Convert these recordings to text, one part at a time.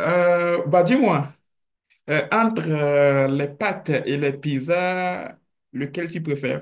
Bah dis-moi, entre les pâtes et les pizzas, lequel tu préfères?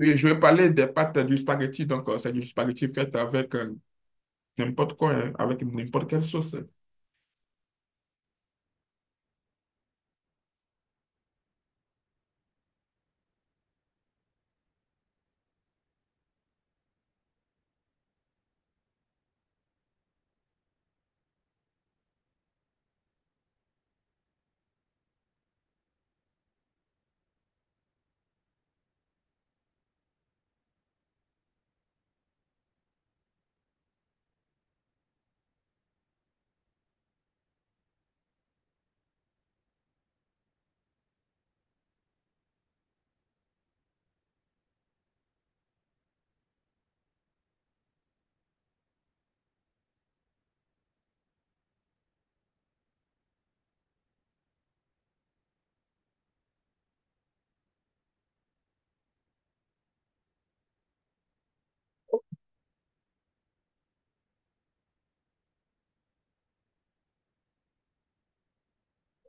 Et je vais parler des pâtes du spaghetti, donc c'est du spaghetti fait avec n'importe quoi, hein, avec n'importe quelle sauce.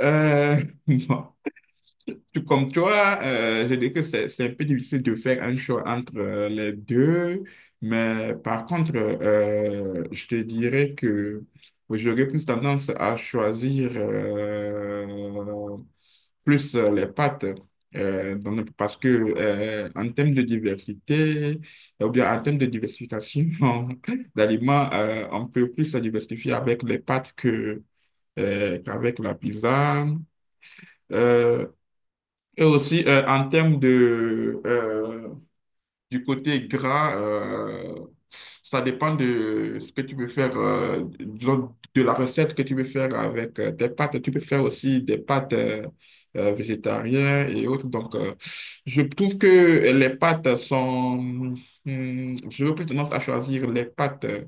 Euh, bon, tout comme toi, je dis que c'est un peu difficile de faire un choix entre les deux, mais par contre, je te dirais que j'aurais plus tendance à choisir plus les pâtes. Parce que en termes de diversité, ou bien en termes de diversification d'aliments, on peut plus se diversifier avec les pâtes que, qu'avec la pizza. Euh, et aussi en termes de, du côté gras, ça dépend de ce que tu veux faire, disons, de la recette que tu veux faire avec tes pâtes. Tu peux faire aussi des pâtes végétariennes et autres. Donc, je trouve que les pâtes sont... Hmm, j'aurais plus tendance à choisir les pâtes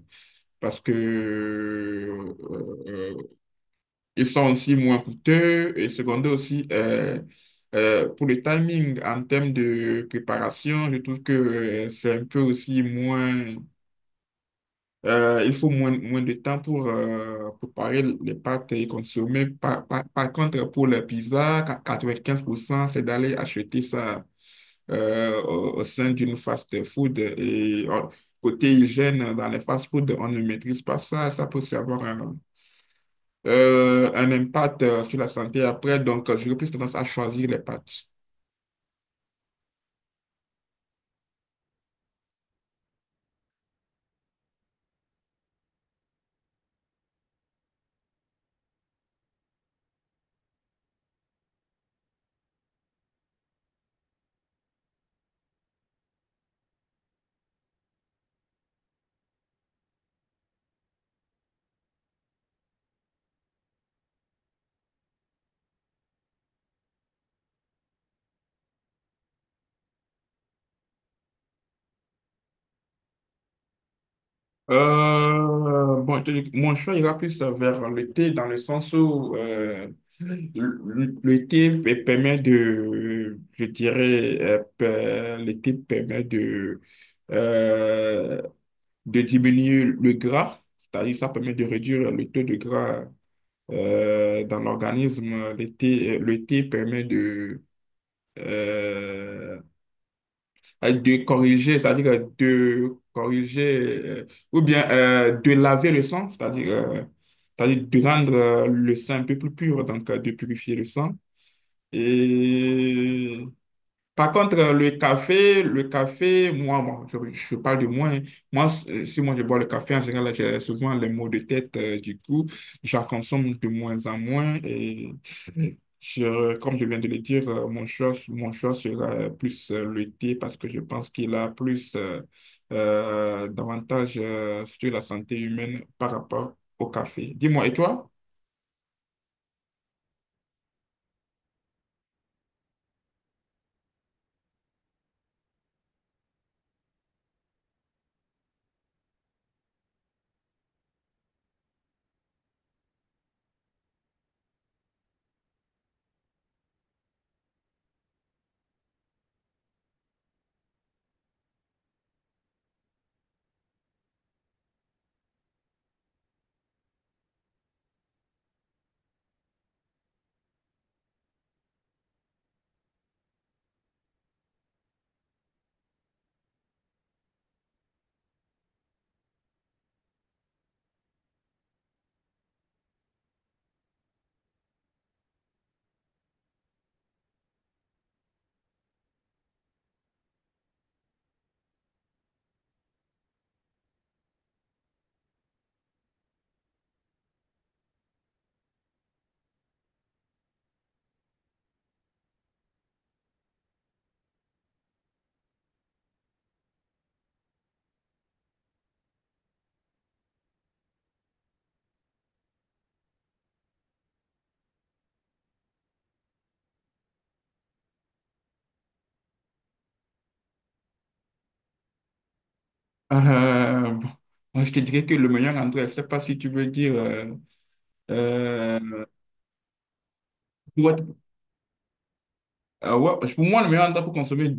parce que ils sont aussi moins coûteux et secondaire aussi pour le timing en termes de préparation, je trouve que c'est un peu aussi moins, il faut moins, moins de temps pour préparer les pâtes et consommer. Par contre, pour la pizza, 95% c'est d'aller acheter ça au, au sein d'une fast-food et côté hygiène dans les fast-food, on ne maîtrise pas ça, ça peut aussi avoir un impact sur la santé après. Donc, j'aurais plus tendance à choisir les pâtes. Bon, je te dis que mon choix ira plus vers le thé dans le sens où le thé permet de, je dirais, le thé permet euh, de diminuer le gras, c'est-à-dire ça permet de réduire le taux de gras dans l'organisme. Le thé permet euh, de corriger, c'est-à-dire de corriger, euh, ou bien de laver le sang, c'est-à-dire c'est-à-dire de rendre le sang un peu plus pur, donc de purifier le sang. Et par contre, le café, moi, je parle de moi, hein. Moi, si moi je bois le café, en général, j'ai souvent les maux de tête. Du coup, j'en consomme de moins en moins. Et je, comme je viens de le dire, mon choix sera plus le thé parce que je pense qu'il a plus d'avantages sur la santé humaine par rapport au café. Dis-moi, et toi? Bon, moi, je te dirais que le meilleur endroit, je ne sais pas si tu veux dire euh, pour être- ouais, pour moi, le meilleur endroit pour consommer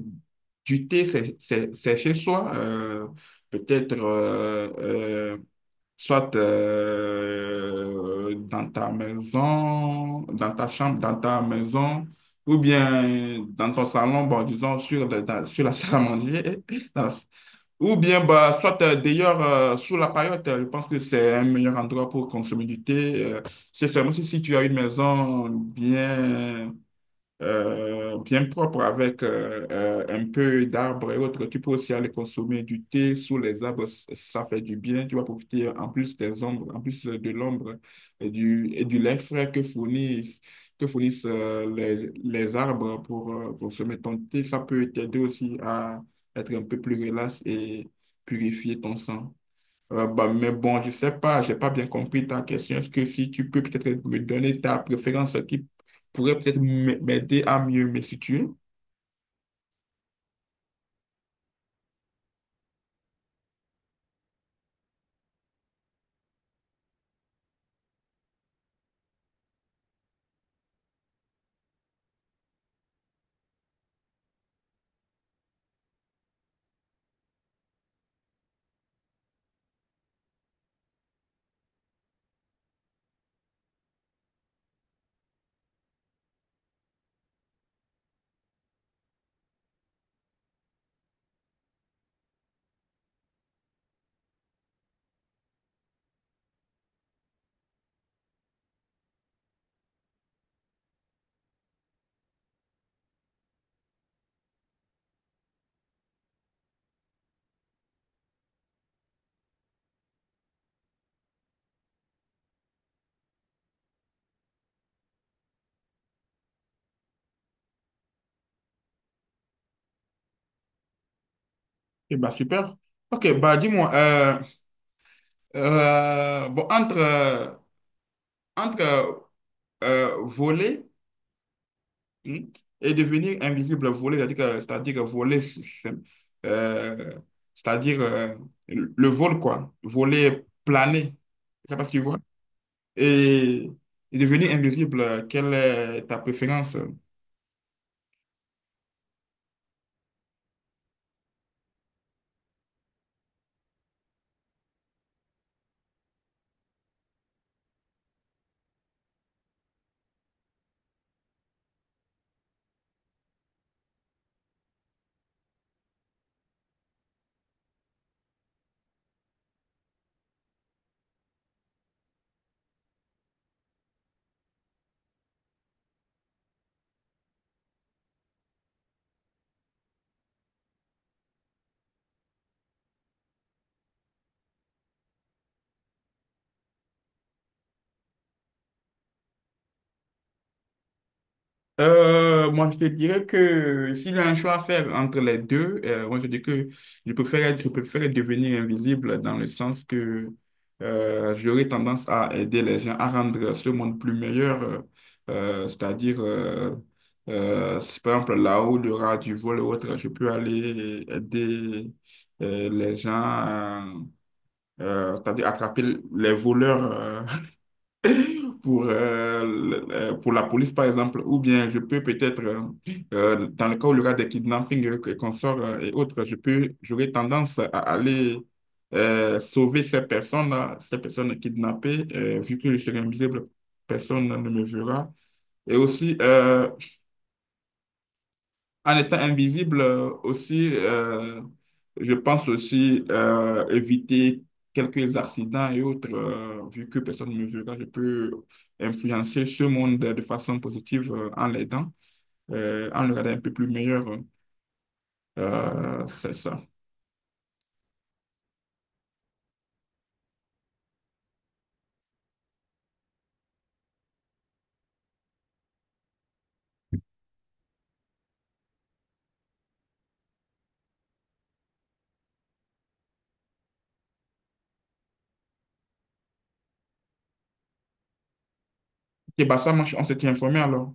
du thé, c'est chez soi. Peut-être soit dans ta maison, dans ta chambre, dans ta maison, ou bien dans ton salon, bon, disons, sur la salle à manger. dans la- ou bien, bah, soit d'ailleurs sous la paillote, je pense que c'est un meilleur endroit pour consommer du thé. C'est seulement si tu as une maison bien bien propre avec un peu d'arbres et autres. Tu peux aussi aller consommer du thé sous les arbres, ça fait du bien. Tu vas profiter en plus des ombres, en plus de l'ombre et du lait frais que fournissent les arbres pour consommer ton thé. Ça peut t'aider aussi à être un peu plus relax et purifier ton sang. Bah, mais bon, je sais pas, j'ai pas bien compris ta question. Est-ce que si tu peux peut-être me donner ta préférence qui pourrait peut-être m'aider à mieux me situer? Eh bah, super. Ok, bah, dis-moi, bon, entre, entre voler, hmm, et devenir invisible, voler, c'est-à-dire voler, euh, c'est-à-dire le vol, quoi, voler, planer, je sais pas si tu vois. Et, et devenir invisible, quelle est ta préférence? Moi, je te dirais que s'il y a un choix à faire entre les deux, moi, je dis que je préfère devenir invisible dans le sens que j'aurais tendance à aider les gens à rendre ce monde plus meilleur. C'est-à-dire, si par exemple, là où il y aura du vol ou autre, je peux aller aider les gens, c'est-à-dire attraper les voleurs pour, pour la police, par exemple, ou bien je peux peut-être, dans le cas où il y aura des kidnappings qu'on sort et autres, je peux, j'aurais tendance à aller sauver ces personnes-là, ces personnes kidnappées, vu que je serai invisible, personne ne me verra. Et aussi, en étant invisible aussi, je pense aussi éviter quelques accidents et autres, vu que personne ne me verra, je peux influencer ce monde de façon positive en l'aidant, en le rendant un peu plus meilleur. C'est ça. Et bah ça, moi, on s'était informé alors.